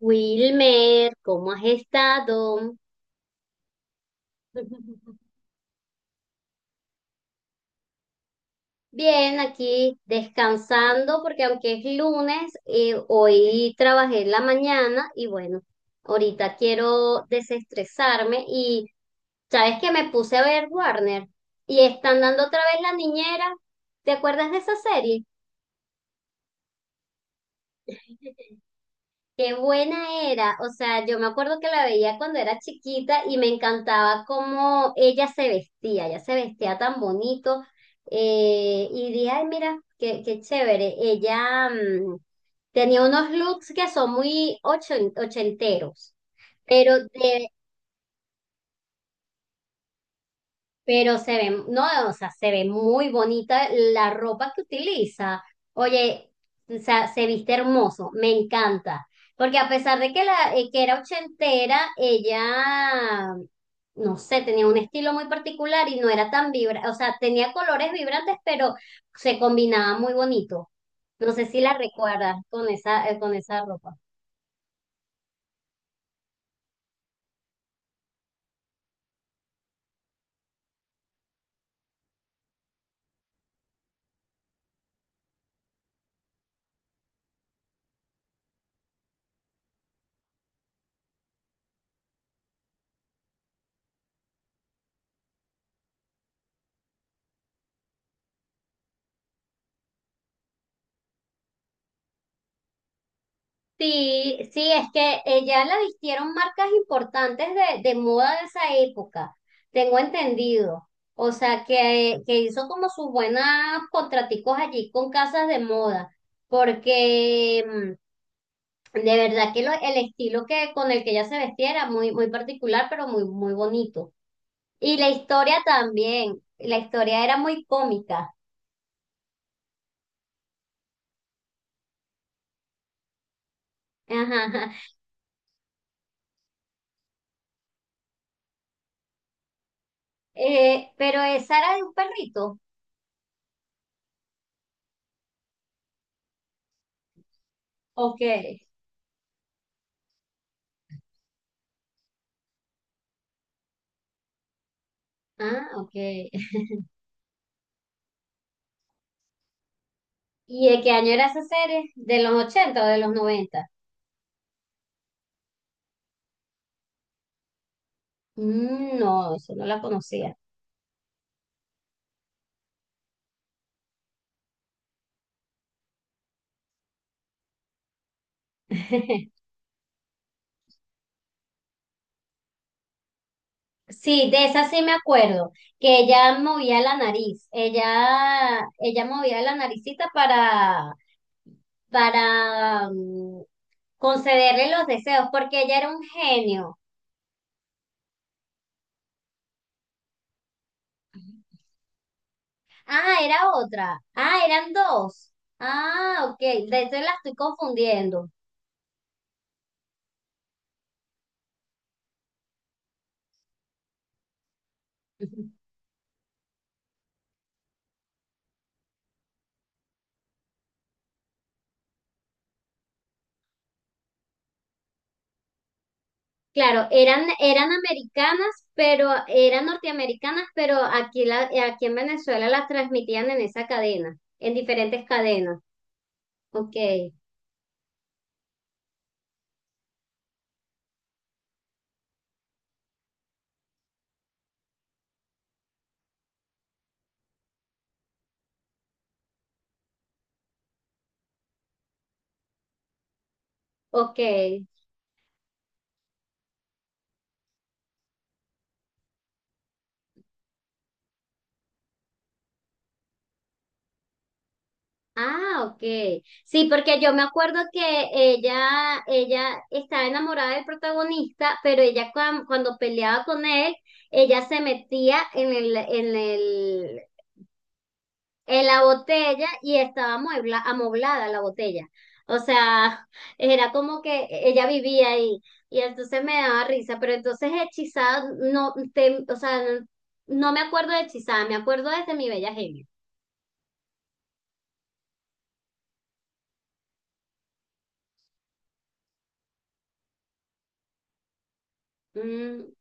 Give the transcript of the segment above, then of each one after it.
Wilmer, ¿cómo has estado? Bien, aquí descansando porque aunque es lunes, hoy trabajé en la mañana y bueno, ahorita quiero desestresarme y sabes que me puse a ver Warner y están dando otra vez La Niñera. ¿Te acuerdas de esa serie? Qué buena era, o sea, yo me acuerdo que la veía cuando era chiquita y me encantaba cómo ella se vestía tan bonito, y dije, ay, mira, qué chévere, ella tenía unos looks que son muy ochenteros, pero de, pero se ve, no, o sea, se ve muy bonita la ropa que utiliza. Oye, o sea, se viste hermoso, me encanta. Porque a pesar de que era ochentera, ella, no sé, tenía un estilo muy particular y no era tan vibrante, o sea, tenía colores vibrantes, pero se combinaba muy bonito. No sé si la recuerdas con con esa ropa. Sí, sí, es que ella la vistieron marcas importantes de moda de esa época, tengo entendido. O sea, que hizo como sus buenas contraticos allí con casas de moda, porque de verdad que el estilo que, con el que ella se vestía era muy, muy particular, pero muy, muy bonito. Y la historia también, la historia era muy cómica. Ajá. Pero esa era de un perrito. Ok. Ah, ok. ¿Y de qué año era esa serie? ¿De los ochenta o de los noventa? Mm, no, eso no la conocía. Sí, de esa sí me acuerdo, que ella movía la nariz, ella movía la naricita para concederle los deseos, porque ella era un genio. Ah, era otra. Ah, eran dos. Ah, ok, de eso la estoy confundiendo. Claro, eran americanas, pero eran norteamericanas, pero aquí en Venezuela las transmitían en esa cadena, en diferentes cadenas. Ok, ok. Ah, ok. Sí, porque yo me acuerdo que ella estaba enamorada del protagonista, pero ella cuando peleaba con él, ella se metía en en la botella y estaba amoblada la botella. O sea, era como que ella vivía ahí y entonces me daba risa, pero entonces hechizada no te, no me acuerdo de hechizada, me acuerdo desde mi bella genio. Mm,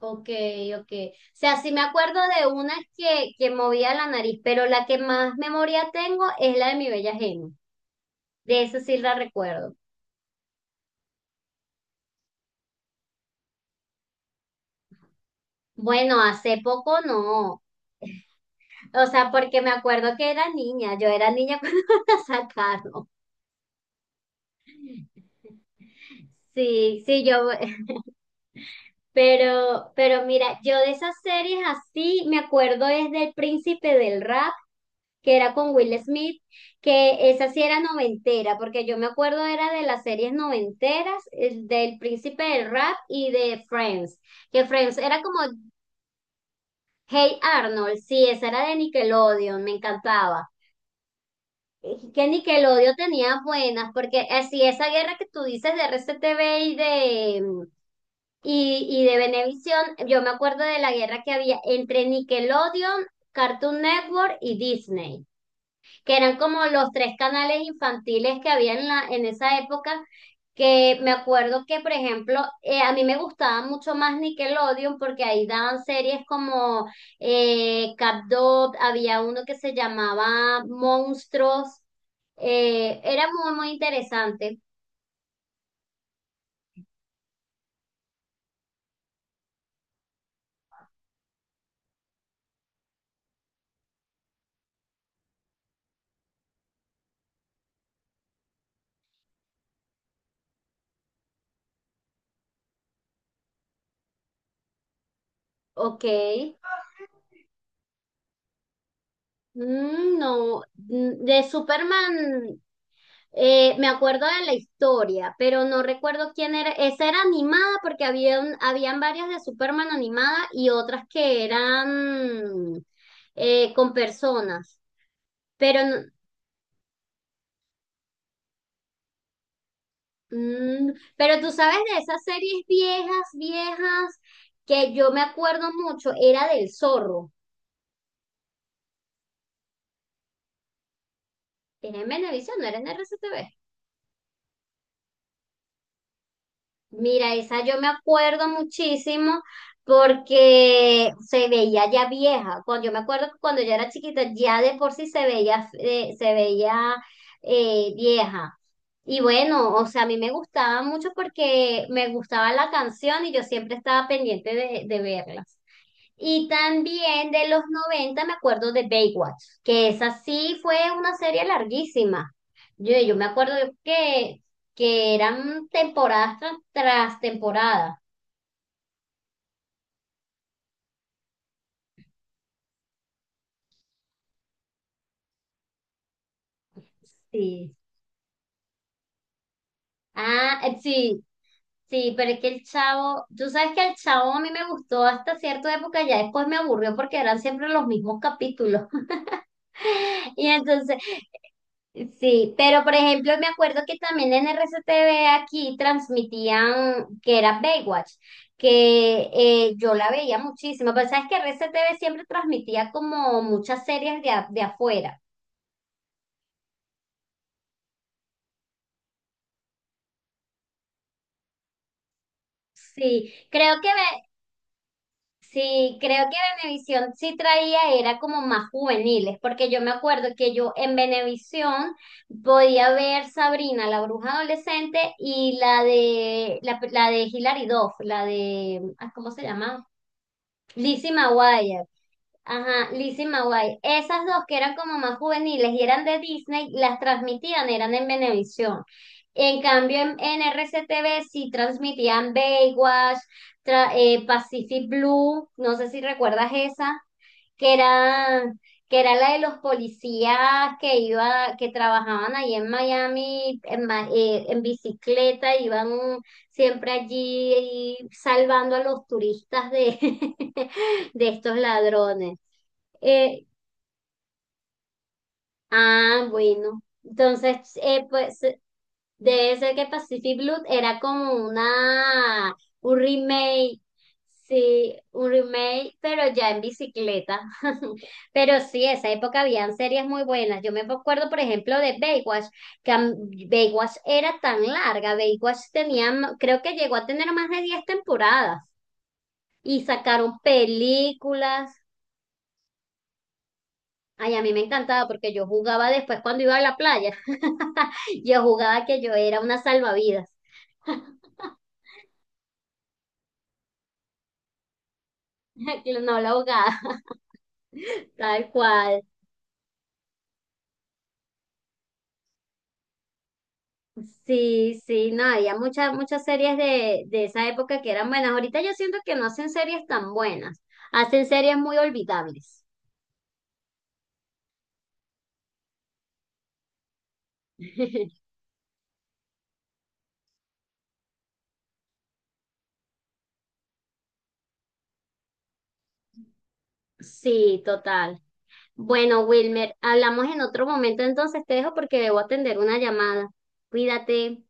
ok, ok. O sea, sí me acuerdo de una que movía la nariz, pero la que más memoria tengo es la de mi bella genio. De eso sí la recuerdo. Bueno, hace poco no. O sea, porque me acuerdo que era niña, yo era niña cuando la sacaron. Sí, sí, yo, pero mira, yo de esas series así me acuerdo es del Príncipe del Rap, que era con Will Smith, que esa sí era noventera, porque yo me acuerdo era de las series noventeras, del Príncipe del Rap y de Friends, que Friends era como Hey Arnold, sí, esa era de Nickelodeon, me encantaba. Que Nickelodeon tenía buenas, porque así esa guerra que tú dices de RCTV y de y de Venevisión, yo me acuerdo de la guerra que había entre Nickelodeon, Cartoon Network y Disney, que eran como los tres canales infantiles que había en en esa época, que me acuerdo que, por ejemplo, a mí me gustaba mucho más Nickelodeon porque ahí daban series como CapDog, había uno que se llamaba Monstruos, era muy, muy interesante. Ok. Mm, no, mm, De Superman, me acuerdo de la historia, pero no recuerdo quién era. Esa era animada porque habían varias de Superman animada y otras que eran con personas. Pero, no- pero tú sabes de esas series viejas, viejas, que yo me acuerdo mucho, era del Zorro. Era en Venevisión, no era en R C T V. Mira, esa yo me acuerdo muchísimo porque se veía ya vieja. Cuando yo me acuerdo que cuando yo era chiquita, ya de por sí se veía, vieja. Y bueno, o sea, a mí me gustaba mucho porque me gustaba la canción y yo siempre estaba pendiente de verla. Y también de los 90 me acuerdo de Baywatch, que esa sí fue una serie larguísima. Yo me acuerdo que, que eran temporadas tras temporada. Sí. Ah, eh, sí, sí, pero es que el Chavo, tú sabes que el Chavo a mí me gustó hasta cierta época, ya después me aburrió porque eran siempre los mismos capítulos. Y entonces, sí, pero por ejemplo, me acuerdo que también en RCTV aquí transmitían que era Baywatch, que yo la veía muchísimo, pero sabes que RCTV siempre transmitía como muchas series de afuera. Sí, creo que Ve- sí, Creo que Venevisión sí traía, era como más juveniles, porque yo me acuerdo que yo en Venevisión podía ver Sabrina, la bruja adolescente, y la de la de Hilary Duff, la de, ah, ¿cómo se llama? Lizzie McGuire. Ajá, Lizzie McGuire. Esas dos que eran como más juveniles y eran de Disney, las transmitían, eran en Venevisión. En cambio, en RCTV sí transmitían Baywatch, Pacific Blue, no sé si recuerdas esa que era, que era la de los policías que iba, que trabajaban ahí en Miami en bicicleta, iban siempre allí salvando a los turistas de, de estos ladrones. Eh, ah, bueno. Entonces, debe ser que Pacific Blue era como un remake, sí, un remake, pero ya en bicicleta. Pero sí, esa época habían series muy buenas. Yo me acuerdo, por ejemplo, de Baywatch, que Baywatch era tan larga. Baywatch tenía, creo que llegó a tener más de 10 temporadas y sacaron películas. Ay, a mí me encantaba porque yo jugaba después cuando iba a la playa. Yo jugaba que yo era una salvavidas. No la ahogada. Tal cual. Sí, sí, no, había muchas, muchas series de esa época que eran buenas. Ahorita yo siento que no hacen series tan buenas, hacen series muy olvidables. Sí, total. Bueno, Wilmer, hablamos en otro momento, entonces te dejo porque debo atender una llamada. Cuídate.